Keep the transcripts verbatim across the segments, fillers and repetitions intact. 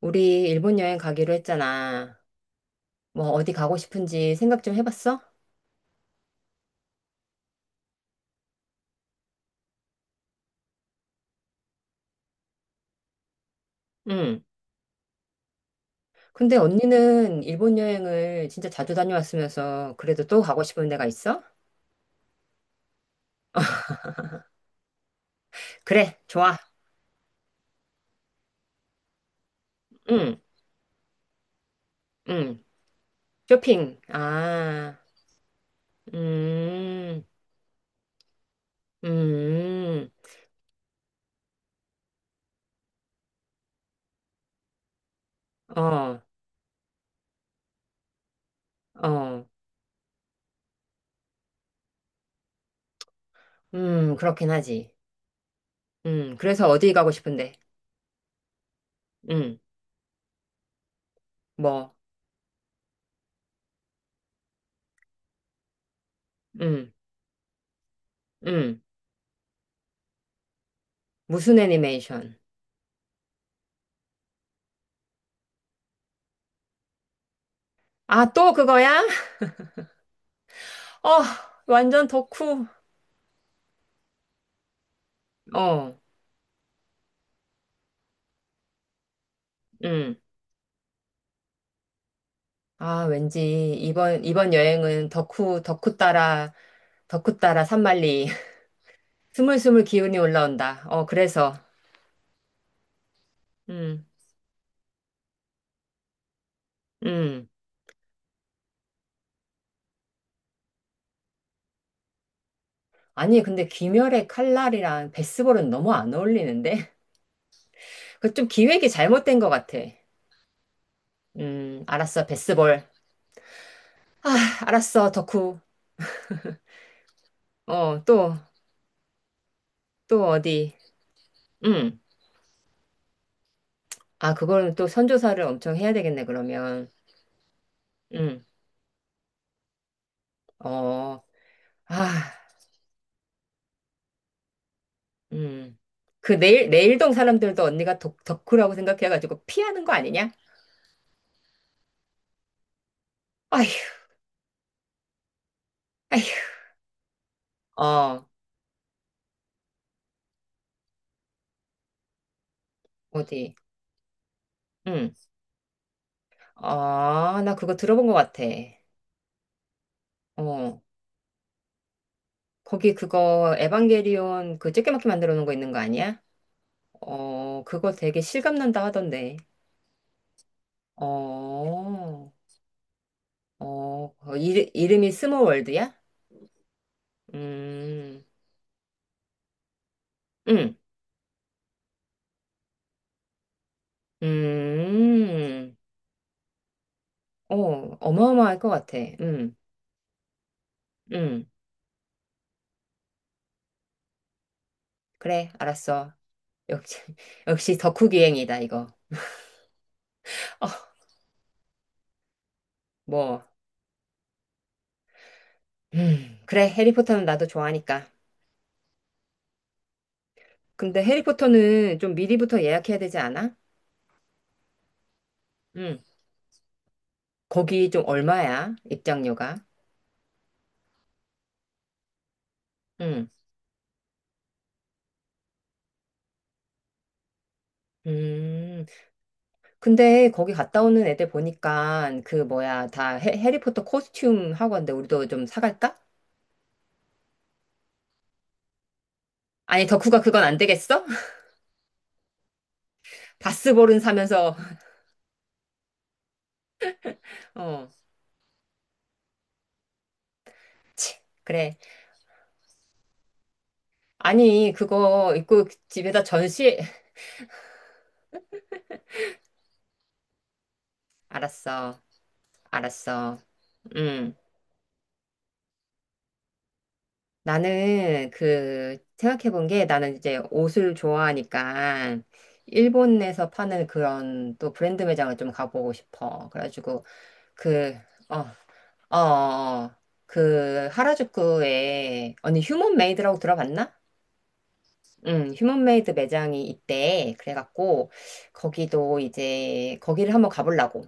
우리 일본 여행 가기로 했잖아. 뭐 어디 가고 싶은지 생각 좀 해봤어? 응. 근데 언니는 일본 여행을 진짜 자주 다녀왔으면서 그래도 또 가고 싶은 데가 있어? 그래, 좋아. 응, 응. 쇼핑. 아, 음, 음, 어, 어, 음, 그렇긴 하지. 음, 그래서 어디 가고 싶은데? 음, 뭐, 음, 음. 무슨 애니메이션? 아, 또 그거야? 어, 완전 덕후. 어. 음. 아, 왠지 이번 이번 여행은 덕후 덕후 따라 덕후 따라 산만리 스물스물 기운이 올라온다. 어, 그래서. 음. 음. 아니, 근데 귀멸의 칼날이랑 베스볼은 너무 안 어울리는데? 그 좀 기획이 잘못된 것 같아. 음, 알았어, 베스볼. 하, 알았어, 덕후. 어, 또, 또 어디. 음. 아, 그거는 또 선조사를 엄청 해야 되겠네, 그러면. 음. 어, 아. 음. 그 내일, 내일동 사람들도 언니가 덕, 덕후라고 생각해가지고 피하는 거 아니냐? 아휴, 아휴. 어, 어디? 응. 아, 나 그거 들어본 것 같아. 어, 거기 그거 에반게리온 그 쬐끄맣게 만들어 놓은 거 있는 거 아니야? 어, 그거 되게 실감 난다 하던데. 어, 어, 어, 이르, 이름이 스모월드야? 음, 음, 음, 어, 어마어마할 것 같아. 음, 음. 그래, 알았어. 역시, 역시 덕후 기행이다, 이거. 어, 뭐, 음, 그래, 해리포터는 나도 좋아하니까. 근데 해리포터는 좀 미리부터 예약해야 되지 않아? 응. 거기 좀 얼마야? 입장료가? 응. 음, 근데 거기 갔다 오는 애들 보니까 그 뭐야, 다 해, 해리포터 코스튬 하고 왔는데 우리도 좀 사갈까? 아니, 덕후가 그건 안 되겠어? 바스볼은 사면서, 어, 치, 그래. 아니, 그거 입고 집에다 전시. 알았어, 알았어. 응. 나는 그 생각해 본 게, 나는 이제 옷을 좋아하니까 일본에서 파는 그런 또 브랜드 매장을 좀 가보고 싶어. 그래가지고 그, 어, 어, 어, 어. 그 하라주쿠에 언니 휴먼 메이드라고 들어봤나? 응, 휴먼 메이드 매장이 있대. 그래갖고 거기도 이제 거기를 한번 가보려고.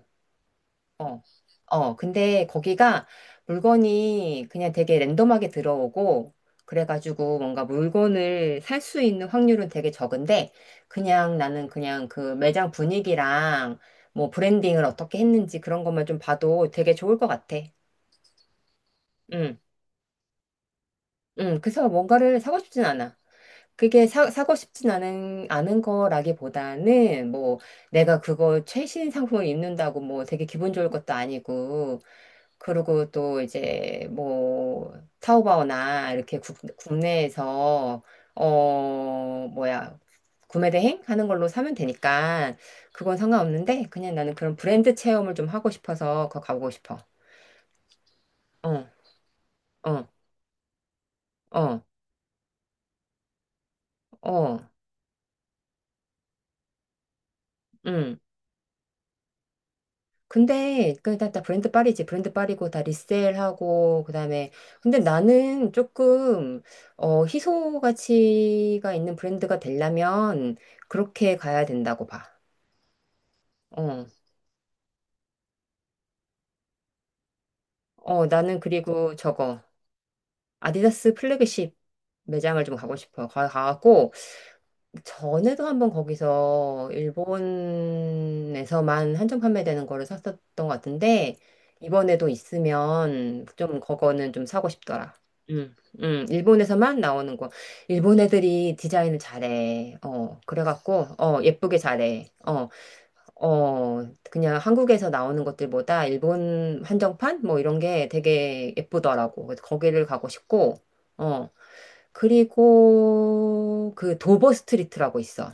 어, 어, 근데 거기가 물건이 그냥 되게 랜덤하게 들어오고, 그래가지고 뭔가 물건을 살 수 있는 확률은 되게 적은데, 그냥 나는 그냥 그 매장 분위기랑 뭐 브랜딩을 어떻게 했는지 그런 것만 좀 봐도 되게 좋을 것 같아. 응, 응. 그래서 뭔가를 사고 싶진 않아. 그게 사, 사고 싶진 않은, 않은 거라기보다는 뭐 내가 그거 최신 상품을 입는다고 뭐 되게 기분 좋을 것도 아니고, 그리고 또 이제 뭐 타오바오나 이렇게 국, 국내에서, 어, 뭐야, 구매 대행 하는 걸로 사면 되니까 그건 상관없는데, 그냥 나는 그런 브랜드 체험을 좀 하고 싶어서 그거 가보고 싶어. 어, 어, 어, 어, 음. 근데 그다 다 브랜드 빨이지, 브랜드 빨이고 다 리셀하고 그다음에, 근데 나는 조금 어, 희소 가치가 있는 브랜드가 되려면 그렇게 가야 된다고 봐. 어, 어, 나는 그리고 저거, 아디다스 플래그십 매장을 좀 가고 싶어. 가, 가고 전에도 한번 거기서 일본에서만 한정 판매되는 거를 샀었던 것 같은데, 이번에도 있으면 좀 그거는 좀 사고 싶더라. 응, 응, 일본에서만 나오는 거. 일본 애들이 디자인을 잘해. 어, 그래갖고, 어, 예쁘게 잘해. 어. 어, 그냥 한국에서 나오는 것들보다 일본 한정판? 뭐 이런 게 되게 예쁘더라고. 그래서 거기를 가고 싶고, 어, 그리고 그 도버 스트리트라고 있어.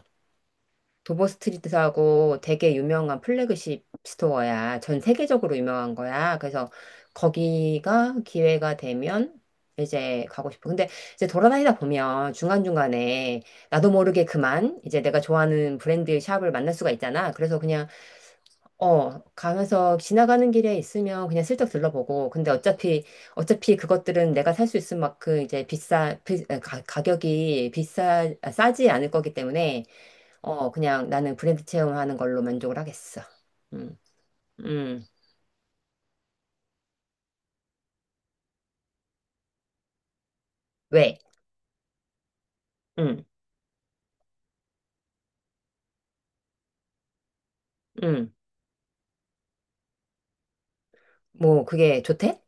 도버 스트리트라고 되게 유명한 플래그십 스토어야. 전 세계적으로 유명한 거야. 그래서 거기가 기회가 되면 이제 가고 싶어. 근데 이제 돌아다니다 보면 중간중간에 나도 모르게 그만 이제 내가 좋아하는 브랜드 샵을 만날 수가 있잖아. 그래서 그냥, 어, 가면서 지나가는 길에 있으면 그냥 슬쩍 들러보고, 근데 어차피, 어차피 그것들은 내가 살 수 있을 만큼 이제 비싸, 비- 아, 가, 가격이 비싸, 아, 싸지 않을 거기 때문에, 어, 그냥 나는 브랜드 체험하는 걸로 만족을 하겠어. 음, 음, 왜? 음, 음, 뭐, 그게 좋대?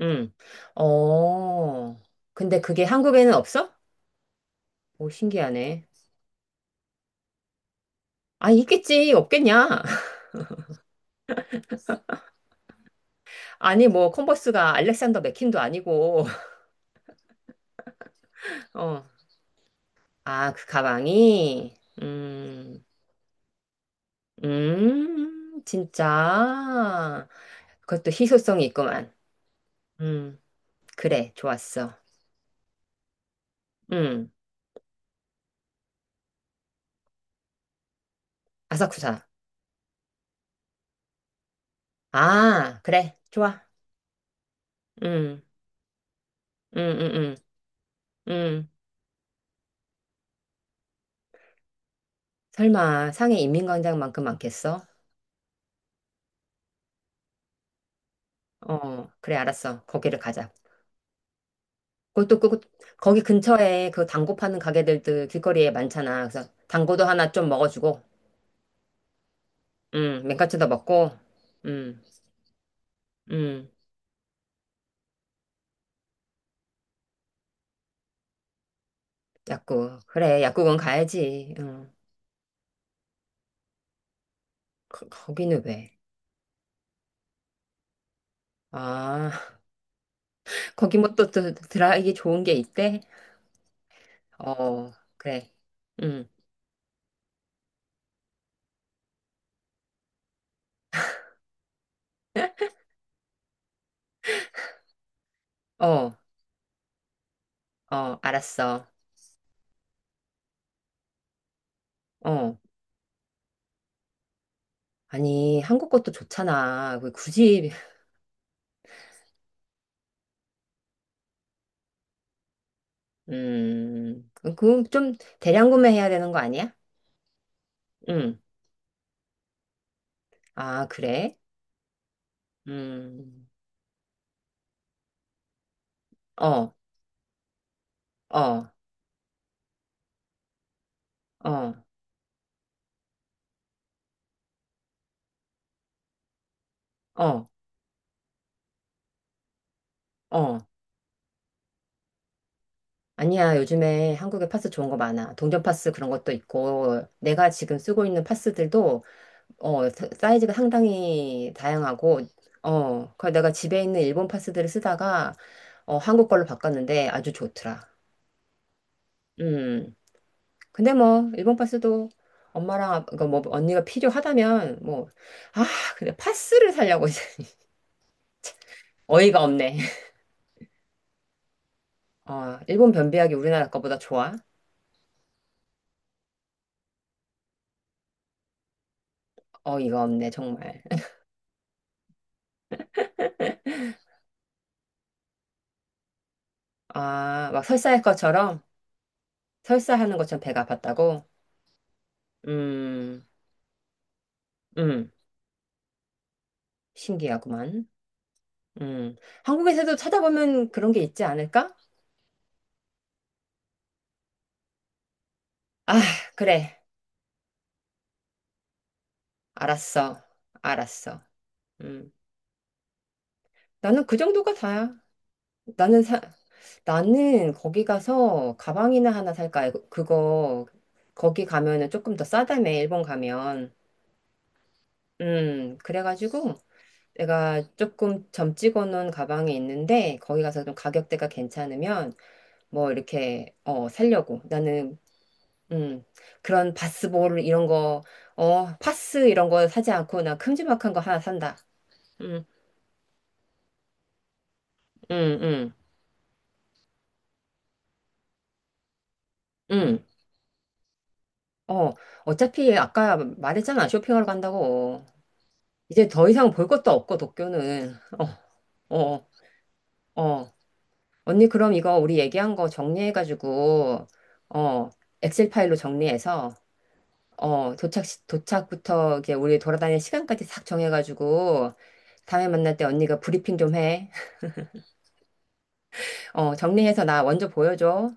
음, 어, 근데 그게 한국에는 없어? 오, 신기하네. 아, 있겠지, 없겠냐? 아니, 뭐, 컨버스가 알렉산더 맥퀸도 아니고. 어. 아, 그 가방이? 음, 음, 진짜. 그것도 희소성이 있구만. 음, 그래, 좋았어. 음, 아사쿠사. 아, 그래, 좋아. 음, 음, 음, 음, 음. 설마 상해 인민광장만큼 많겠어? 어, 그래, 알았어. 거기를 가자. 그것도 그, 그, 거기 근처에 그 단고 파는 가게들도 길거리에 많잖아. 그래서 단고도 하나 좀 먹어주고, 음, 맨카츠도 먹고, 음, 음. 약국. 그래, 약국은 가야지. 응. 거, 거기는 왜? 아, 거기 뭐 또 드라 이기 좋은 게 있대? 어, 그래. 응. 어, 어, 알았어. 어. 아니, 한국 것도 좋잖아. 왜 굳이, 음, 그, 그 좀 대량 구매해야 되는 거 아니야? 응. 아, 그래? 음, 어, 어, 어, 어, 어. 아니야, 요즘에 한국에 파스 좋은 거 많아. 동전 파스 그런 것도 있고, 내가 지금 쓰고 있는 파스들도, 어, 사- 사이즈가 상당히 다양하고, 어, 그 내가 집에 있는 일본 파스들을 쓰다가, 어, 한국 걸로 바꿨는데 아주 좋더라. 음. 근데 뭐, 일본 파스도 엄마랑, 그니까 뭐, 언니가 필요하다면, 뭐, 아, 근데 파스를 살려고 이제 어이가 없네. 어, 일본 변비약이 우리나라 거보다 좋아? 어이가 없네, 정말. 아, 막 설사할 것처럼? 설사하는 것처럼 배가 아팠다고? 음, 음, 신기하구만. 음, 한국에서도 찾아보면 그런 게 있지 않을까? 아, 그래. 알았어. 알았어. 음, 나는 그 정도가 다야. 나는 사, 나는 거기 가서 가방이나 하나 살까? 그거, 거기 가면은 조금 더 싸다며, 일본 가면. 음, 그래가지고 내가 조금 점찍어 놓은 가방이 있는데, 거기 가서 좀 가격대가 괜찮으면 뭐 이렇게, 어, 살려고. 나는 음, 그런 바스볼 이런 거, 어, 파스 이런 거 사지 않고 나 큼지막한 거 하나 산다. 음, 음, 음, 음, 어, 어차피 아까 말했잖아, 쇼핑하러 간다고. 이제 더 이상 볼 것도 없고 도쿄는. 어, 어, 어. 언니 그럼 이거 우리 얘기한 거 정리해가지고, 어, 엑셀 파일로 정리해서, 어, 도착, 시- 도착부터 이제 우리 돌아다닐 시간까지 싹 정해가지고 다음에 만날 때 언니가 브리핑 좀 해. 어, 정리해서 나 먼저 보여줘.